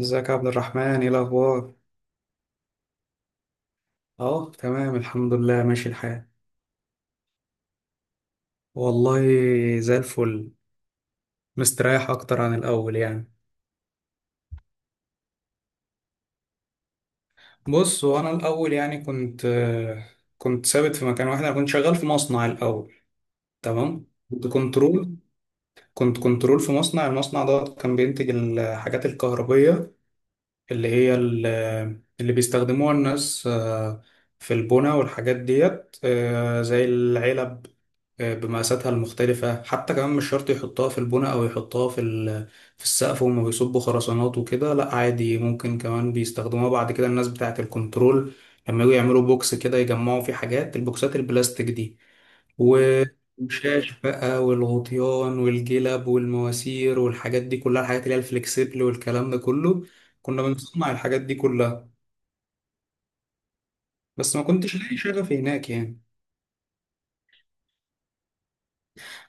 ازيك يا عبد الرحمن؟ ايه الاخبار؟ اه، تمام، الحمد لله، ماشي الحال. والله زي الفل. مستريح اكتر عن الاول يعني. بص، وانا الاول يعني كنت ثابت في مكان واحد. انا كنت شغال في مصنع الاول. تمام، كنت كنترول. كنت كنترول في مصنع. المصنع ده كان بينتج الحاجات الكهربية اللي هي ال- اللي بيستخدموها الناس، في البنا والحاجات ديت، زي العلب، بمقاساتها المختلفة. حتى كمان مش شرط يحطها في البناء أو يحطها في في السقف وهم بيصبوا خرسانات وكده. لأ، عادي، ممكن كمان بيستخدموها بعد كده الناس بتاعة الكنترول، لما يجوا يعملوا بوكس كده يجمعوا فيه حاجات. البوكسات البلاستيك دي والشاش بقى والغطيان والجلب والمواسير والحاجات دي كلها، الحاجات اللي هي الفلكسبل والكلام ده كله، كنا بنصنع الحاجات دي كلها. بس ما كنتش لاقي شغف هناك يعني.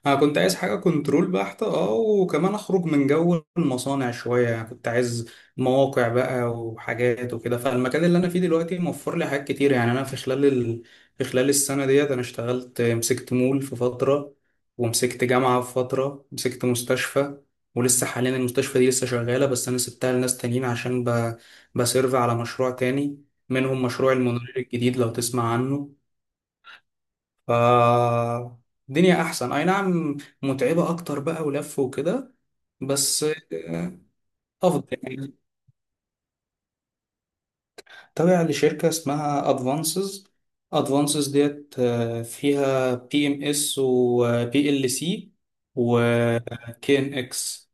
انا كنت عايز حاجه كنترول بحته، اه، وكمان اخرج من جو المصانع شويه يعني. كنت عايز مواقع بقى وحاجات وكده، فالمكان اللي انا فيه دلوقتي موفر لي حاجات كتير يعني. انا في خلال السنه ديت انا اشتغلت، مسكت مول في فتره، ومسكت جامعه في فتره، مسكت مستشفى. ولسه حاليا المستشفى دي لسه شغاله، بس انا سبتها لناس تانيين عشان بسيرف على مشروع تاني، منهم مشروع المونوريل الجديد لو تسمع عنه. ف الدنيا احسن، اي نعم، متعبة اكتر بقى ولف وكده، بس آه، افضل يعني. تابع لشركة اسمها ادفانسز. ادفانسز ديت فيها بي ام اس وبي ال سي وكي ان اكس.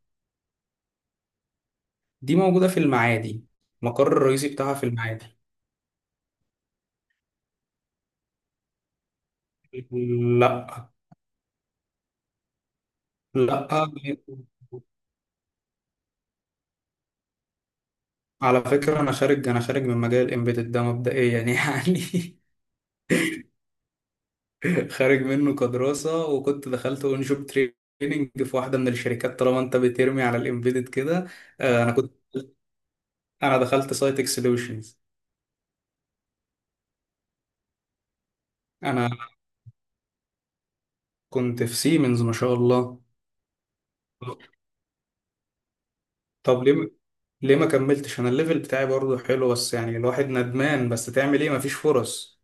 دي موجودة في المعادي. المقر الرئيسي بتاعها في المعادي. لا، لا. على فكرة انا خارج من مجال الامبيدد ده مبدئيا يعني. خارج منه كدراسة، وكنت دخلت اون شوب تريننج في واحدة من الشركات طالما انت بترمي على الامبيدد كده. آه، انا كنت انا دخلت سايتك سوليوشنز. انا كنت في سيمنز، ما شاء الله. طب ليه ما كملتش؟ انا الليفل بتاعي برضه حلو، بس يعني الواحد ندمان، بس تعمل ايه، مفيش فرص.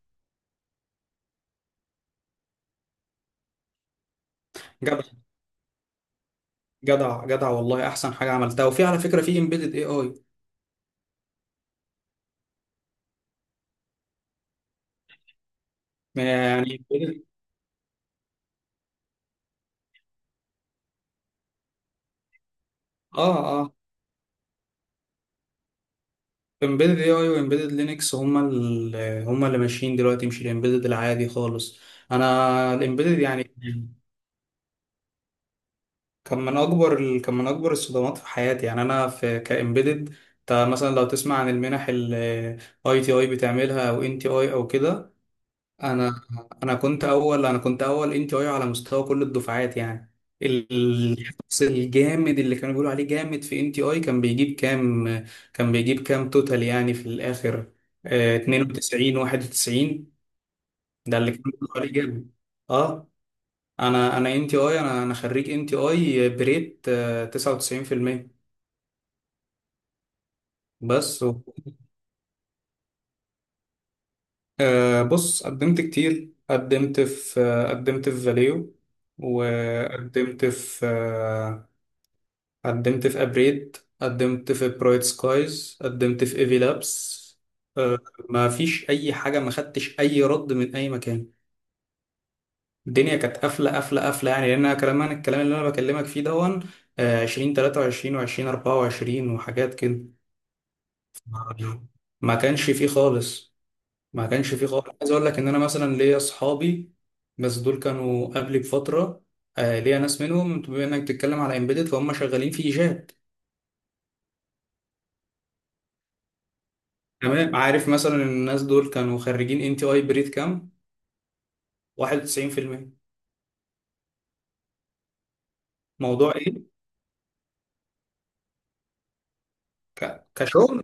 جدع، جدع، جدع، والله احسن حاجة عملتها. وفي على فكرة في امبيدد اي اي يعني. اه، اه، امبيدد اي اي وامبيدد لينكس هما اللي ماشيين دلوقتي، مش الامبيدد العادي خالص. انا الامبيدد يعني كان من اكبر الصدمات في حياتي يعني. انا في كامبيدد مثلا، لو تسمع عن المنح، الاي تي اي بتعملها او ان تي اي او كده. انا انا كنت اول، ان تي اي على مستوى كل الدفعات يعني. الشخص الجامد اللي كانوا بيقولوا عليه جامد في ان تي اي كان بيجيب كام؟ كان بيجيب كام توتال يعني في الاخر؟ 92 91. ده اللي كانوا بيقولوا عليه جامد، اه. انا خريج ان تي اي بريت 99%. بس بص، قدمت كتير. قدمت في قدمت في فاليو، وقدمت في قدمت في ابريد، قدمت في برايت سكايز، قدمت في ايفي لابس. أه، ما فيش اي حاجه. ما خدتش اي رد من اي مكان. الدنيا كانت قافله، قافله، قافله يعني. لان أنا كلام انا الكلام اللي انا بكلمك فيه دون 2023 و20 24 وحاجات كده. ما ما كانش فيه خالص. ما كانش فيه خالص. عايز اقول لك ان انا مثلا ليا اصحابي، بس دول كانوا قبلي بفتره. ليا ناس منهم، بما انك بتتكلم على امبيدد، فهم شغالين في جات. تمام، عارف مثلا إن الناس دول كانوا خريجين ان تي اي بريد كام؟ 91%. موضوع ايه؟ كشغل؟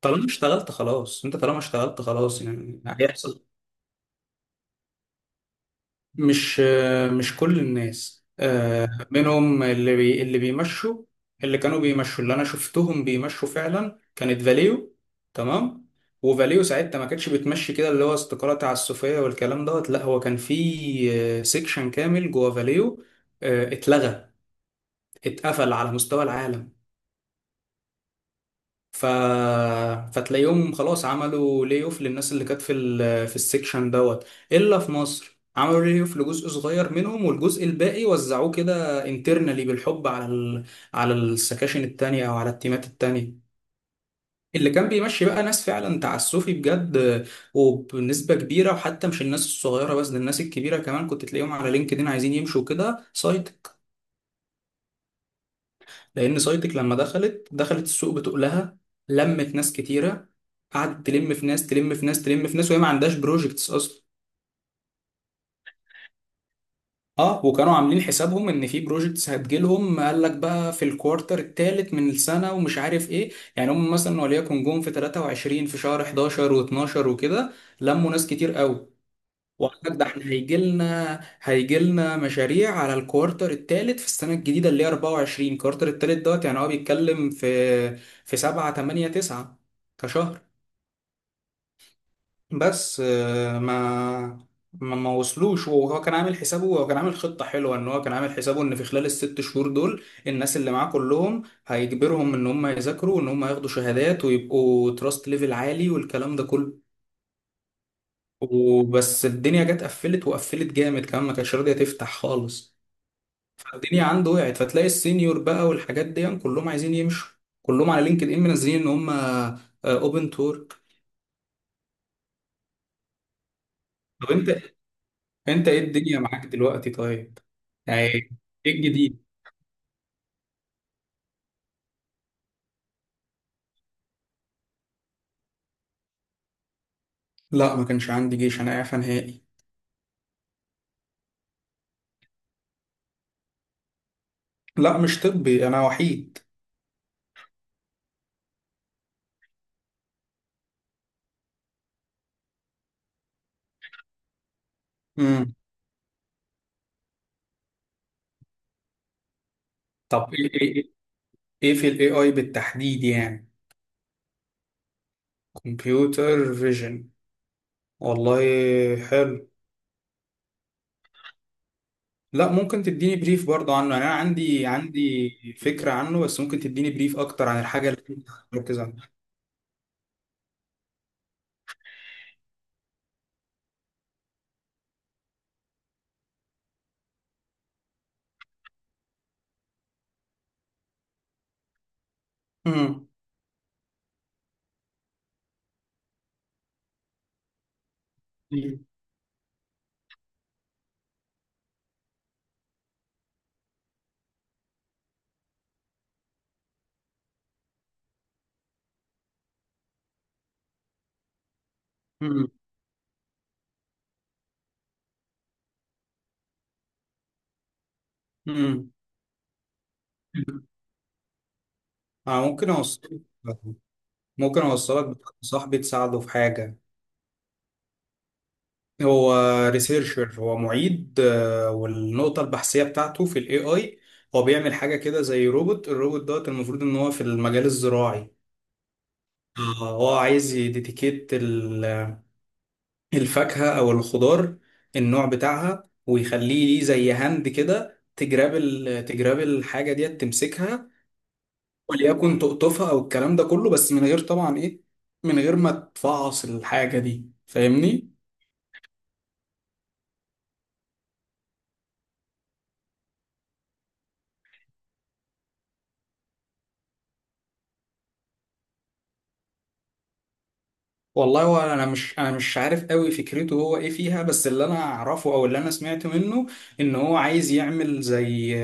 طالما اشتغلت خلاص انت، طالما اشتغلت خلاص يعني هيحصل. مش مش كل الناس، منهم اللي بيمشوا. اللي كانوا بيمشوا، اللي انا شفتهم بيمشوا فعلا، كانت فاليو. تمام. وفاليو ساعتها ما كانتش بتمشي كده، اللي هو استقالة تعسفية والكلام دوت. لا، هو كان في سيكشن كامل جوه فاليو اتلغى، اتقفل على مستوى العالم. ف... فتلاقيهم خلاص عملوا لي اوف للناس اللي كانت في في السكشن دوت. الا في مصر عملوا لي اوف لجزء صغير منهم، والجزء الباقي وزعوه كده انترنالي بالحب على على السكاشن التانية او على التيمات التانية. اللي كان بيمشي بقى ناس فعلا تعسفي بجد، وبنسبة كبيرة، وحتى مش الناس الصغيرة بس، ده الناس الكبيرة كمان كنت تلاقيهم على لينكدين عايزين يمشوا كده سايت. لان سايتك لما دخلت السوق بتقلها، لمت ناس كتيره. قعدت تلم في ناس، تلم في ناس، تلم في ناس، وهي ما عندهاش بروجكتس اصلا. اه، وكانوا عاملين حسابهم ان في بروجكتس هتجيلهم. قال لك بقى في الكوارتر الثالث من السنه ومش عارف ايه يعني. هم مثلا وليكن جم في 23 في شهر 11 و12 وكده، لموا ناس كتير قوي. وعندك، ده احنا هيجي لنا مشاريع على الكوارتر الثالث في السنه الجديده اللي هي 24. الكوارتر الثالث دوت، يعني هو بيتكلم في في 7 8 9 كشهر. بس ما وصلوش. وهو كان عامل حسابه، هو كان عامل خطه حلوه، ان هو كان عامل حسابه ان في خلال الست شهور دول الناس اللي معاه كلهم هيجبرهم ان هم يذاكروا وان هم ياخدوا شهادات ويبقوا تراست ليفل عالي والكلام ده كله. وبس الدنيا جت قفلت، وقفلت جامد كمان، ما كانتش راضيه تفتح خالص. الدنيا عنده وقعت، فتلاقي السينيور بقى والحاجات دي كلهم عايزين يمشوا، كلهم على لينكد ان منزلين ان هم اوبن تورك. طب انت ايه الدنيا معاك دلوقتي طيب؟ يعني ايه الجديد؟ لا، ما كانش عندي جيش، انا اعفى نهائي. لا، مش طبي، انا وحيد. امم طب ايه ايه ايه إيه في الاي اي بالتحديد يعني؟ كمبيوتر فيجن. والله حلو. لا، ممكن تديني بريف برضه عنه يعني. انا عندي فكرة عنه، بس ممكن تديني بريف اكتر عن الحاجة اللي انت مركز. مم. مم. مم. مم. آه، ممكن أوصلك بحد صاحبي تساعده في حاجة. هو ريسيرشر، هو معيد والنقطة البحثية بتاعته في الاي اي. هو بيعمل حاجة كده زي روبوت. الروبوت دوت المفروض ان هو في المجال الزراعي. آه، هو عايز يديتيكيت الفاكهة او الخضار، النوع بتاعها، ويخليه ليه زي هاند كده تجراب الحاجة ديت، تمسكها وليكن تقطفها او الكلام ده كله، بس من غير طبعا ايه، من غير ما تفعص الحاجه دي، فاهمني. والله، هو انا مش عارف قوي فكرته هو ايه فيها، بس اللي انا اعرفه او اللي انا سمعت منه، ان هو عايز يعمل زي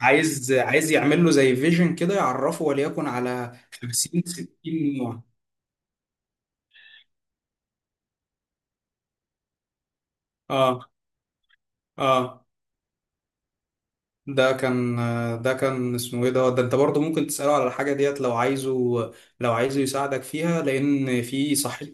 عايز عايز يعمل له زي فيجن كده يعرفه، وليكن على 50 60 نوع. اه، اه، ده كان ده كان اسمه ايه ده؟ ده انت برضه ممكن تسأله على الحاجة ديت لو عايزه، لو عايزه يساعدك فيها، لان في صحيح.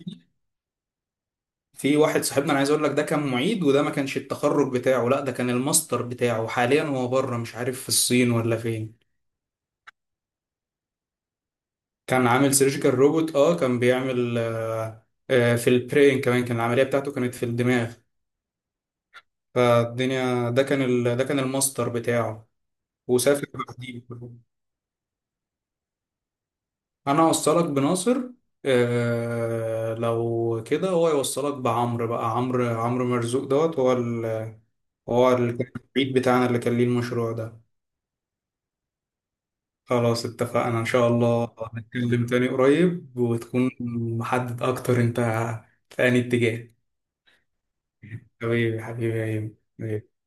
في واحد صاحبنا، انا عايز اقول لك، ده كان معيد، وده ما كانش التخرج بتاعه، لا ده كان الماستر بتاعه. حاليا هو بره، مش عارف في الصين ولا فين. كان عامل سيرجيكال روبوت، اه، كان بيعمل في البرين كمان، كان العملية بتاعته كانت في الدماغ. فالدنيا، ده كان الماستر بتاعه، وسافر بعديه. انا اوصلك بناصر، لو كده هو يوصلك بعمرو بقى. عمرو مرزوق دوت، هو هو ال- المعيد بتاعنا اللي كان ليه المشروع ده. خلاص، اتفقنا إن شاء الله هنتكلم تاني قريب وتكون محدد أكتر أنت في أي اتجاه. حبيبي، حبيبي يا هيم.